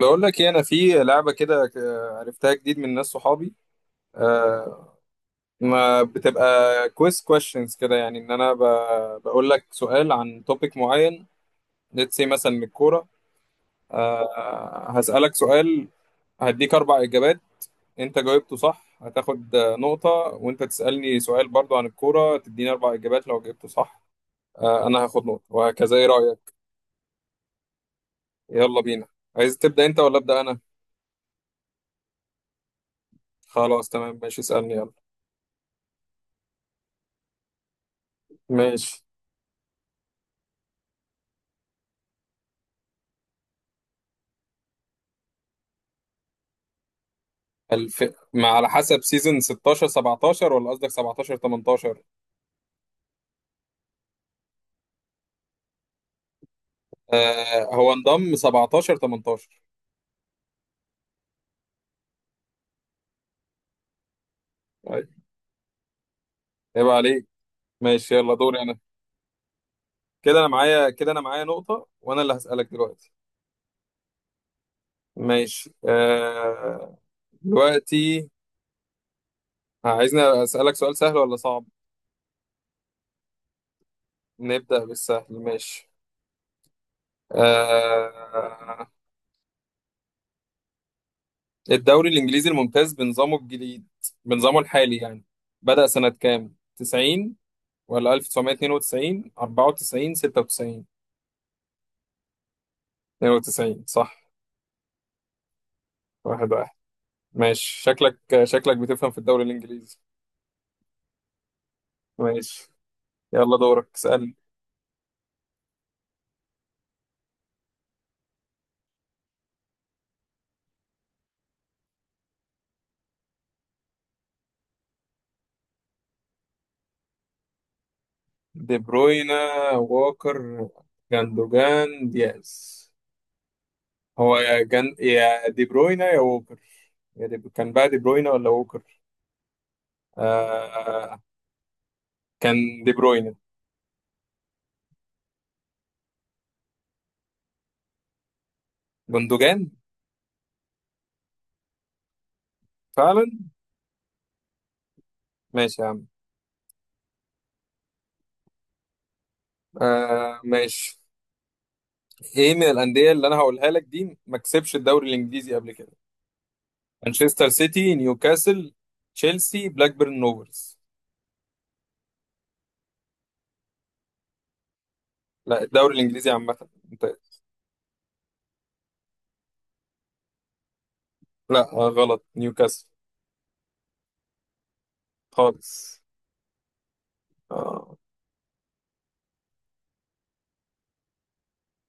بقول لك ايه، انا في لعبه كده، عرفتها جديد من ناس صحابي. آه، ما بتبقى كويس كويشنز كده، يعني ان انا بقول لك سؤال عن توبيك معين. ليتس سي مثلا من الكوره. هسألك سؤال، هديك اربع اجابات. انت جاوبته صح هتاخد نقطه، وانت تسألني سؤال برضو عن الكوره، تديني اربع اجابات. لو جاوبته صح انا هاخد نقطه، وهكذا. ايه رأيك؟ يلا بينا. عايز تبدأ انت ولا أبدأ انا؟ خلاص تمام ماشي، اسألني يلا. ماشي. الف... ما على حسب، سيزون 16 17 ولا قصدك 17 18؟ آه، هو انضم 17 18. طيب، عيب عليك. ماشي يلا، دوري انا. كده انا معايا نقطة، وانا اللي هسألك دلوقتي. ماشي آه، دلوقتي عايزني اسألك سؤال سهل ولا صعب؟ نبدأ بالسهل ماشي. آه، الدوري الانجليزي الممتاز بنظامه الجديد، بنظامه الحالي يعني، بدأ سنة كام؟ 90 ولا 1992 94 96؟ 92 صح. واحد واحد. ماشي، شكلك بتفهم في الدوري الإنجليزي. ماشي، يلا دورك اسألني. دي بروينا، ووكر، جاندوجان، دياز. هو يا يا دي بروينا يا ووكر. يا كان بقى دي بروينا ولا ووكر؟ آه... كان دي بروينا. جندوجان، فعلا. ماشي يا عم. ماشي. ايه من الأندية اللي انا هقولها لك دي ما كسبش الدوري الإنجليزي قبل كده؟ مانشستر سيتي، نيوكاسل، تشيلسي، بلاك بيرن روفرز. لا، الدوري الانجليزي عامه انت. لا غلط، نيوكاسل. خالص. آه،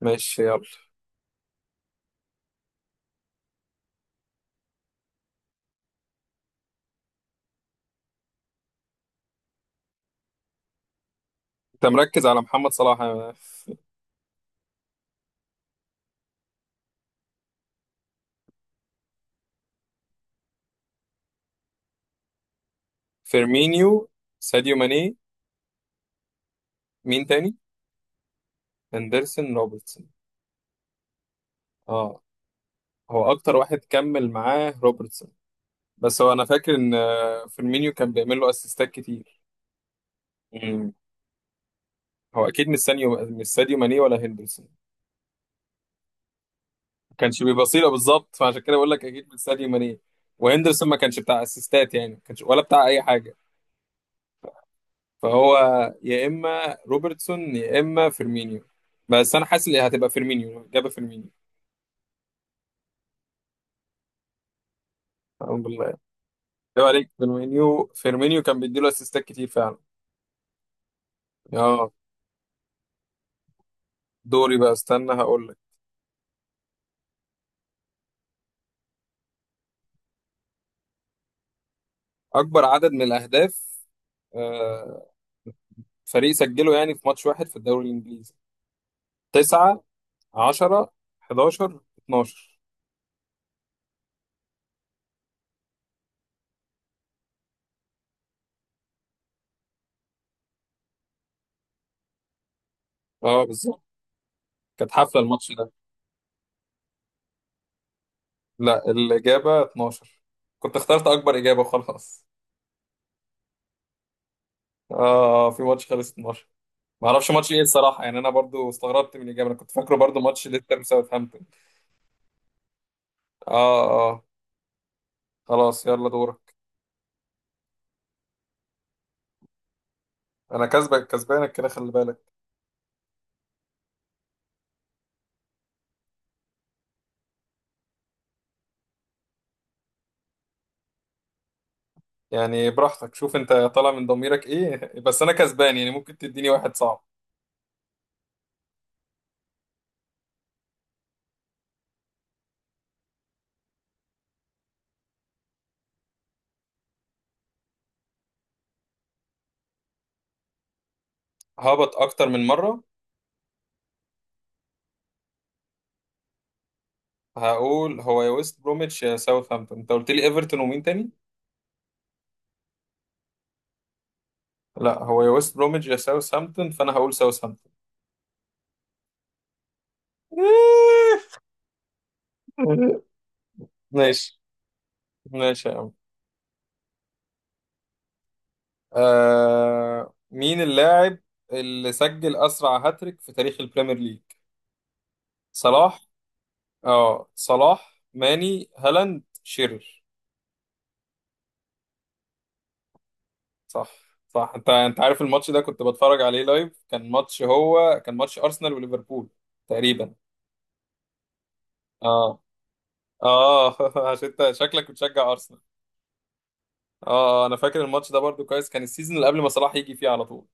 ماشي يلا. انت مركز على محمد صلاح فيرمينيو، ساديو ماني، مين تاني؟ هندرسون، روبرتسون. اه، هو اكتر واحد كمل معاه روبرتسون، بس هو انا فاكر ان فيرمينيو كان بيعمل له اسيستات كتير. مم. هو اكيد مش سانيو، مش ساديو ماني ولا هندرسون. كانش بيبقى صيله بالظبط، فعشان كده بقول لك اكيد من ساديو ماني. وهندرسون ما كانش بتاع اسيستات، يعني ما كانش ولا بتاع اي حاجه. فهو يا اما روبرتسون يا اما فيرمينيو، بس انا حاسس ان هتبقى فيرمينيو. اجابه فيرمينيو. الحمد لله. ايوه عليك، فيرمينيو فيرمينيو كان بيديله اسيستات كتير فعلا. اه. دوري بقى، استنى هقول لك. اكبر عدد من الاهداف، آه، فريق سجله يعني في ماتش واحد في الدوري الانجليزي. 9، 10، 11، 12. اه بالظبط، كانت حفله الماتش ده. لا، الإجابة 12. كنت اخترت أكبر إجابة وخلاص. آه، في ماتش خلص 12. ما اعرفش ماتش ايه الصراحة، يعني انا برضو استغربت من الإجابة، انا كنت فاكره برضو ماتش ليستر وساوثهامبتون. اه. اه. خلاص يلا دورك. انا كسبك، كسبانك كده خلي بالك. يعني براحتك، شوف انت طالع من ضميرك ايه. بس انا كسبان يعني، ممكن تديني واحد صعب. ههبط اكتر من مرة. هقول هو يا ويست بروميتش يا ساوثهامبتون. انت قلت لي ايفرتون ومين تاني؟ لا، هو يا ويست بروميتش يا ساوثهامبتون، فانا هقول ساوثهامبتون. ماشي. ماشي يا عم. آه، مين اللاعب اللي سجل أسرع هاتريك في تاريخ البريمير ليج؟ صلاح؟ اه، صلاح، ماني، هالاند، شيرر. صح. صح. انت عارف الماتش ده، كنت بتفرج عليه لايف. كان ماتش، هو كان ماتش أرسنال وليفربول تقريبا. اه اه. عشان انت شكلك بتشجع أرسنال. اه. آه، انا فاكر الماتش ده برضو كويس. كان السيزون اللي قبل ما صلاح يجي فيه على طول.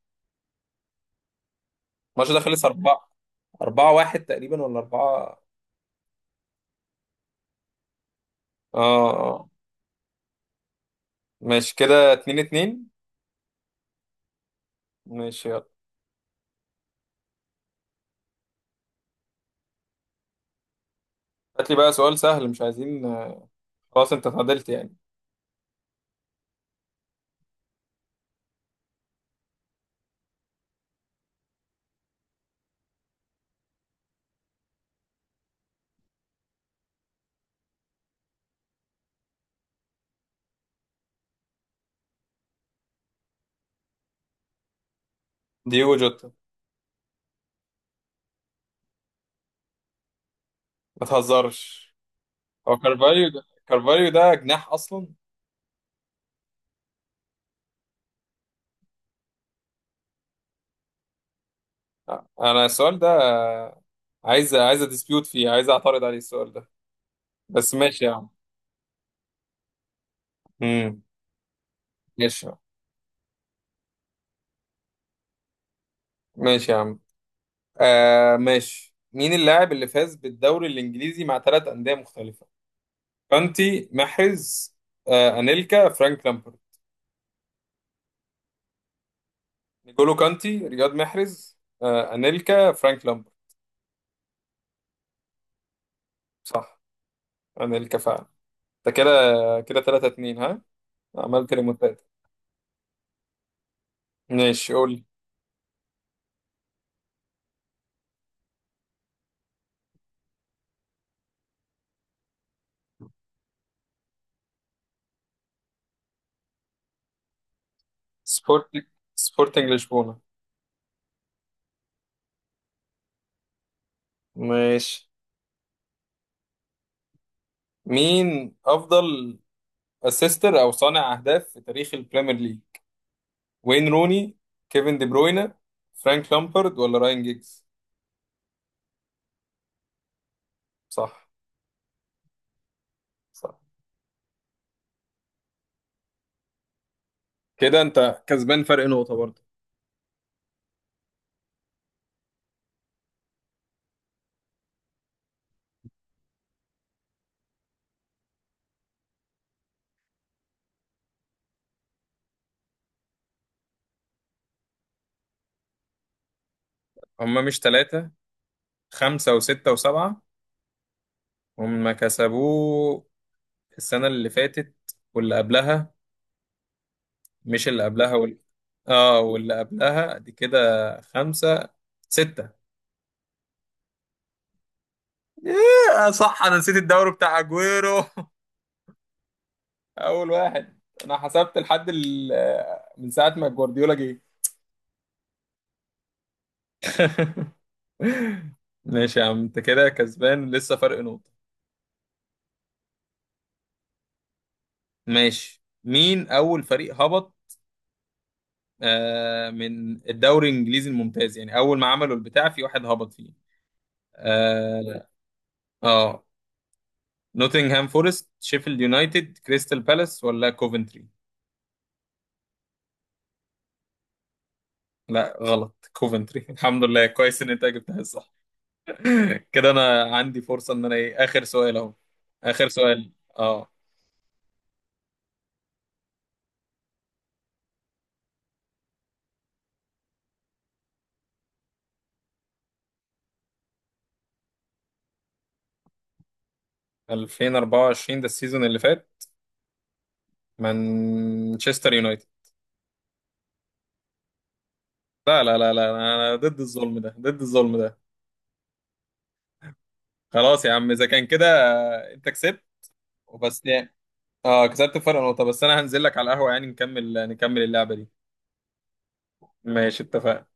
الماتش ده خلص 4، 4 1 تقريبا ولا 4. اه آه. ماشي، كده اتنين اتنين. ماشي يلا. هات لي بقى سؤال سهل، مش عايزين. خلاص انت اتعدلت يعني. دييجو جوتا. ما تهزرش. هو كارفاليو ده، كارفاليو ده جناح اصلا؟ انا السؤال ده عايز اديسبيوت فيه، عايز اعترض عليه السؤال ده، بس ماشي يا عم. امم. ماشي يا عم ماشي يا عم. آه ماشي. مين اللاعب اللي فاز بالدوري الانجليزي مع ثلاث انديه مختلفه؟ كانتي، محرز، آه انيلكا، فرانك لامبرد. نيجولو كانتي، رياض محرز، انيلكا، فرانك لامبر. صح، انيلكا فعلا. ده كده، كده 3 2. ها، عملت ريموتات. ماشي قول لي. سبورت، سبورتنج لشبونه. ماشي. مين افضل اسيستر او صانع اهداف في تاريخ البريمير ليج؟ وين روني، كيفن دي بروينا، فرانك لامبرد، ولا راين جيجز؟ صح. صح. كده انت كسبان فرق نقطه برضه. هما مش ثلاثه، خمسه وسته وسبعه. هما كسبوه السنة اللي فاتت، واللي قبلها، مش اللي قبلها اه، واللي قبلها، دي كده خمسة. ستة. ياه صح، أنا نسيت الدوري بتاع أجويرو. أول واحد. أنا حسبت لحد من ساعة ما جوارديولا جه. ماشي يا عم، أنت كده كسبان لسه فرق نقطة. ماشي، مين أول فريق هبط آه، من الدوري الإنجليزي الممتاز يعني، أول ما عملوا البتاع، في واحد هبط فيه آه, آه. نوتنغهام فورست، شيفيلد يونايتد، كريستال بالاس، ولا كوفنتري؟ لا غلط، كوفنتري. الحمد لله كويس ان انت جبتها صح. كده انا عندي فرصة، ان انا ايه، اخر سؤال اهو. اخر سؤال. اه. 2024، ده السيزون اللي فات. مانشستر يونايتد. لا لا لا لا، انا ضد الظلم ده، ضد الظلم ده. خلاص يا عم، اذا كان كده انت كسبت. وبس يعني. اه كسبت فرق نقطة بس، انا هنزل لك على القهوة يعني، نكمل اللعبة دي. ماشي، اتفقنا.